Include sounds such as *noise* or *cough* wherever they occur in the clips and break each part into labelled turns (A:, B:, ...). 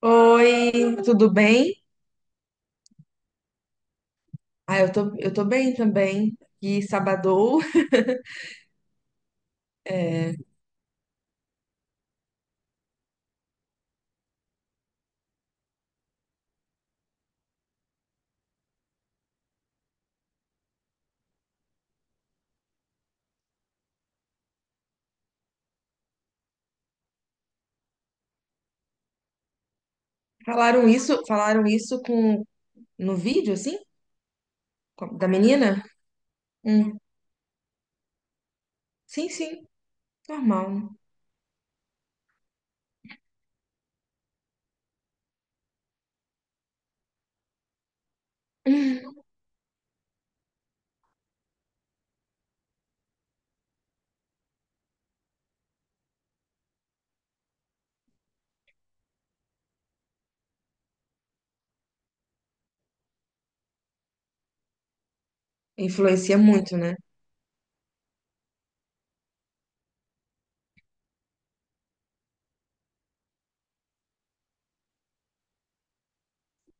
A: Oi, tudo bem? Eu tô bem também. E sabadou. É, falaram isso com no vídeo, assim? Da menina? Hum. Sim, sim, normal. Influencia muito, né?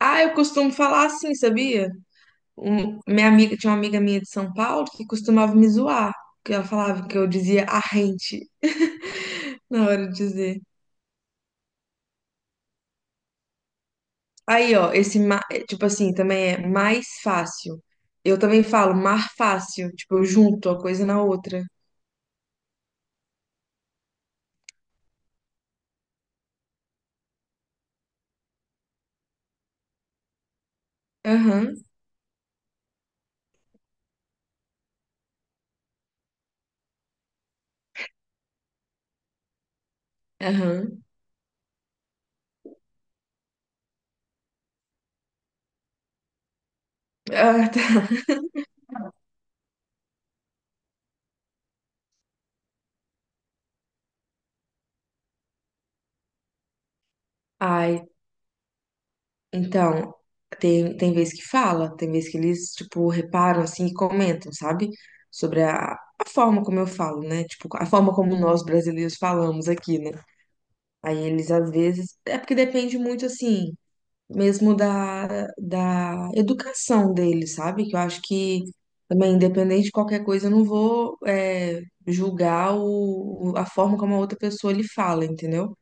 A: Ah, eu costumo falar assim, sabia? Tinha uma amiga minha de São Paulo que costumava me zoar, que ela falava que eu dizia a gente na hora de dizer. Aí, ó, esse, tipo assim, também é mais fácil. Eu também falo mar fácil, tipo, eu junto a coisa na outra. Aham, aham. Ah, tá. *laughs* Ai, então, tem vez que fala, tem vez que eles, tipo, reparam, assim, e comentam, sabe? Sobre a forma como eu falo, né? Tipo, a forma como nós brasileiros falamos aqui, né? Aí eles, às vezes, é porque depende muito, assim, mesmo da educação dele, sabe? Que eu acho que também, independente de qualquer coisa, eu não vou julgar a forma como a outra pessoa lhe fala, entendeu?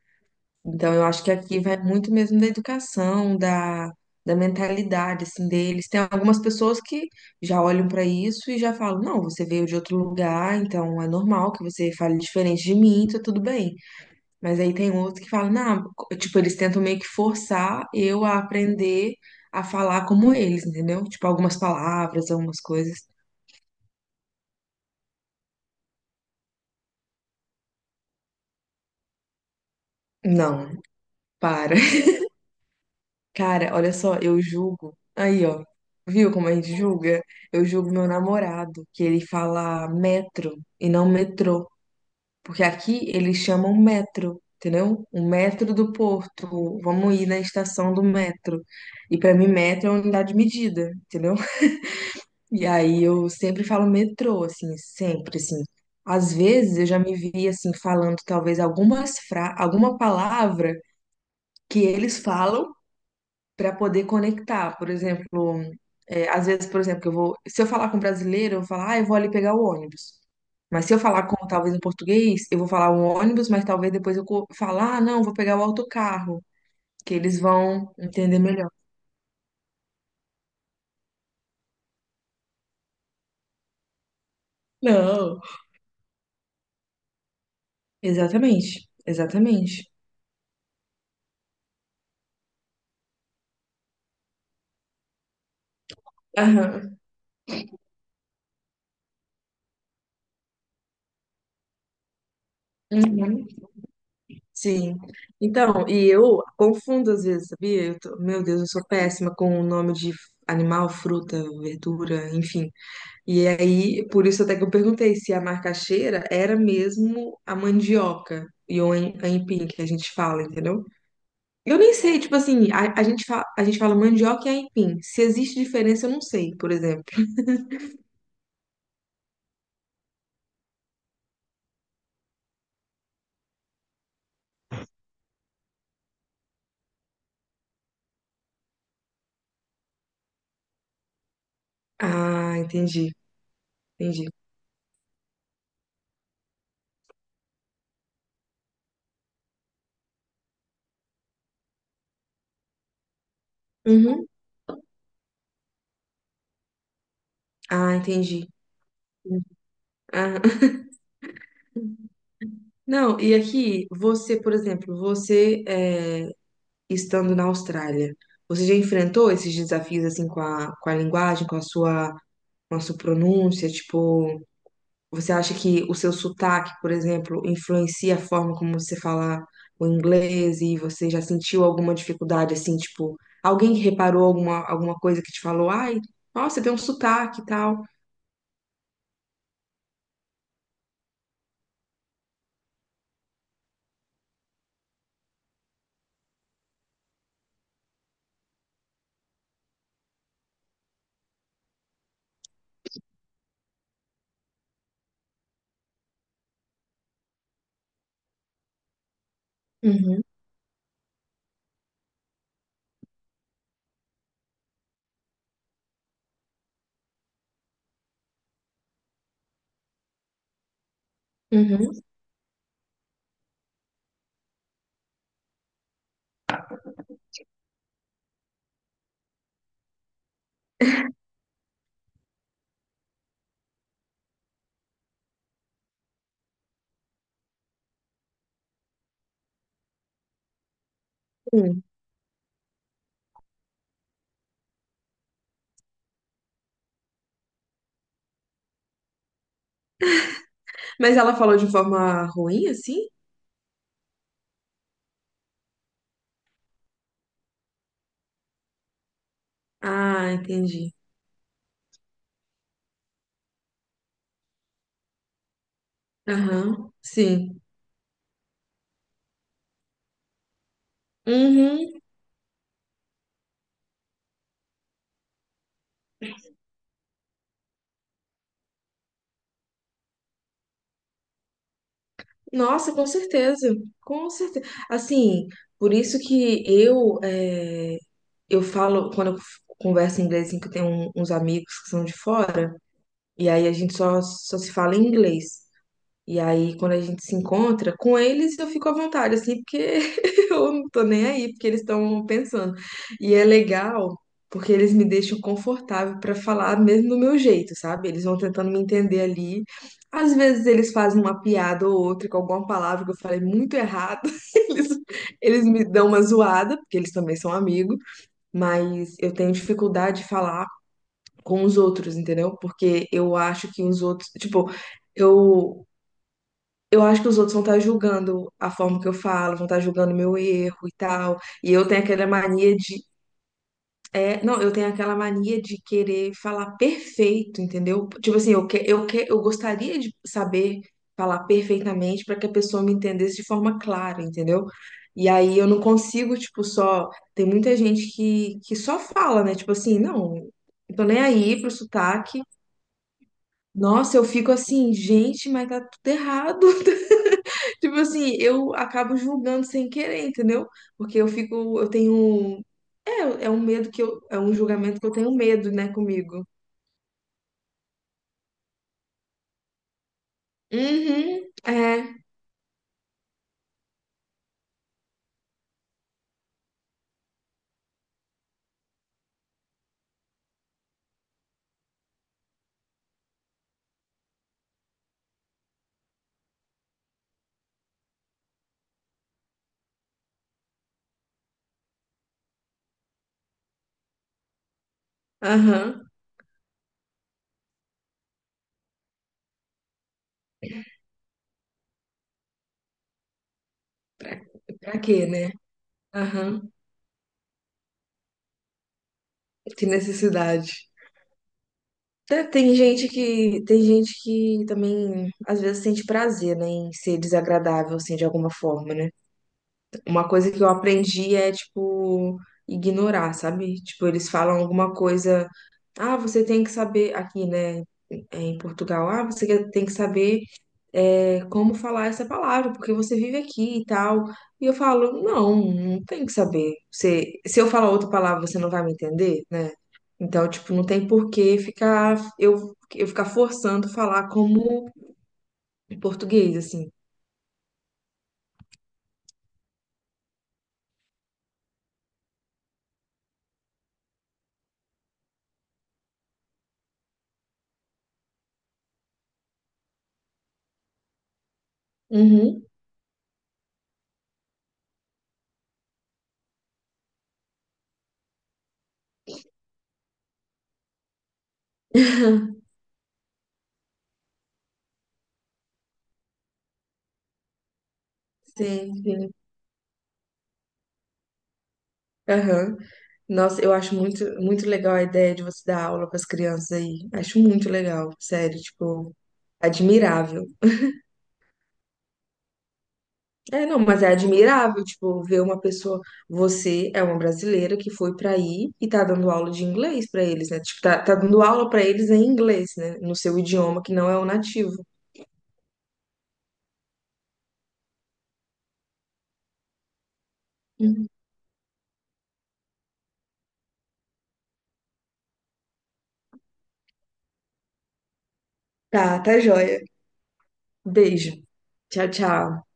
A: Então, eu acho que aqui vai muito mesmo da educação, da mentalidade, assim, deles. Tem algumas pessoas que já olham para isso e já falam: não, você veio de outro lugar, então é normal que você fale diferente de mim, tá tudo bem. Mas aí tem outros que falam: não, tipo, eles tentam meio que forçar eu a aprender a falar como eles, entendeu? Tipo, algumas palavras, algumas coisas. Não, para. *laughs* Cara, olha só, eu julgo. Aí, ó. Viu como a gente julga? Eu julgo meu namorado, que ele fala metro e não metrô. Porque aqui eles chamam metro, entendeu? O metro do Porto. Vamos ir na estação do metro. E pra mim, metro é uma unidade de medida, entendeu? E aí eu sempre falo metrô, assim, sempre, assim. Às vezes eu já me vi, assim, falando talvez alguma palavra que eles falam para poder conectar. Por exemplo, é, às vezes, por exemplo, se eu falar com um brasileiro, eu vou falar: ah, eu vou ali pegar o ônibus. Mas se eu falar com talvez um português, eu vou falar o ônibus, mas talvez depois falar: ah, não, vou pegar o autocarro, que eles vão entender melhor. Não. Exatamente, exatamente. Aham. Uhum. Sim. Então, e eu confundo às vezes, sabia? Meu Deus, eu sou péssima com o nome de animal, fruta, verdura, enfim. E aí, por isso até que eu perguntei se a macaxeira era mesmo a mandioca e o aipim que a gente fala, entendeu? Eu nem sei, tipo assim, a gente fala, a gente fala mandioca e aipim. Se existe diferença, eu não sei, por exemplo. Ah, entendi, entendi. Uhum. Ah, entendi. Hum. Ah. *laughs* Não, e aqui, você, por exemplo, estando na Austrália? Você já enfrentou esses desafios assim com com a linguagem, com a com a sua pronúncia? Tipo, você acha que o seu sotaque, por exemplo, influencia a forma como você fala o inglês, e você já sentiu alguma dificuldade assim, tipo, alguém reparou alguma coisa, que te falou: ai, nossa, você tem um sotaque e tal. Uhum, uhum. Hum. Mas ela falou de forma ruim, assim? Ah, entendi. Aham, sim. Uhum. Nossa, com certeza, com certeza. Assim, por isso que eu falo, quando eu converso em inglês, assim, que eu tenho uns amigos que são de fora, e aí a gente só se fala em inglês. E aí, quando a gente se encontra com eles, eu fico à vontade, assim, porque *laughs* eu não tô nem aí, porque eles estão pensando. E é legal, porque eles me deixam confortável para falar mesmo do meu jeito, sabe? Eles vão tentando me entender ali. Às vezes eles fazem uma piada ou outra com alguma palavra que eu falei muito errado. *laughs* Eles, eles me dão uma zoada, porque eles também são amigos, mas eu tenho dificuldade de falar com os outros, entendeu? Porque eu acho que os outros, tipo, eu eu acho que os outros vão estar julgando a forma que eu falo, vão estar julgando meu erro e tal. E eu tenho aquela mania de. É, não, eu tenho aquela mania de querer falar perfeito, entendeu? Tipo assim, eu gostaria de saber falar perfeitamente para que a pessoa me entendesse de forma clara, entendeu? E aí eu não consigo, tipo, só. Tem muita gente que só fala, né? Tipo assim, não, não tô nem aí pro sotaque. Nossa, eu fico assim, gente, mas tá tudo errado. *laughs* Tipo assim, eu acabo julgando sem querer, entendeu? Porque eu fico, eu tenho. É, é um medo que eu. É um julgamento que eu tenho medo, né, comigo. Uhum, é, aham. Pra, pra quê, né? Aham, que necessidade. Tá. Tem gente tem gente que também, às vezes, sente prazer, né, em ser desagradável, assim, de alguma forma, né? Uma coisa que eu aprendi é, tipo, ignorar, sabe? Tipo, eles falam alguma coisa: ah, você tem que saber, aqui, né? É, em Portugal, ah, tem que saber é como falar essa palavra, porque você vive aqui e tal. E eu falo: não, não tem que saber. Você, se eu falar outra palavra, você não vai me entender, né? Então, tipo, não tem por que ficar eu ficar forçando falar como português, assim. Uhum. *laughs* Sim, sim. Aham. Nossa, eu acho muito, muito legal a ideia de você dar aula para as crianças aí. Acho muito legal, sério, tipo, admirável. É, não, mas é admirável, tipo, ver uma pessoa. Você é uma brasileira que foi pra aí e tá dando aula de inglês pra eles, né? Tipo, tá dando aula pra eles em inglês, né? No seu idioma que não é o nativo. Uhum. Tá, tá joia. Beijo. Tchau, tchau.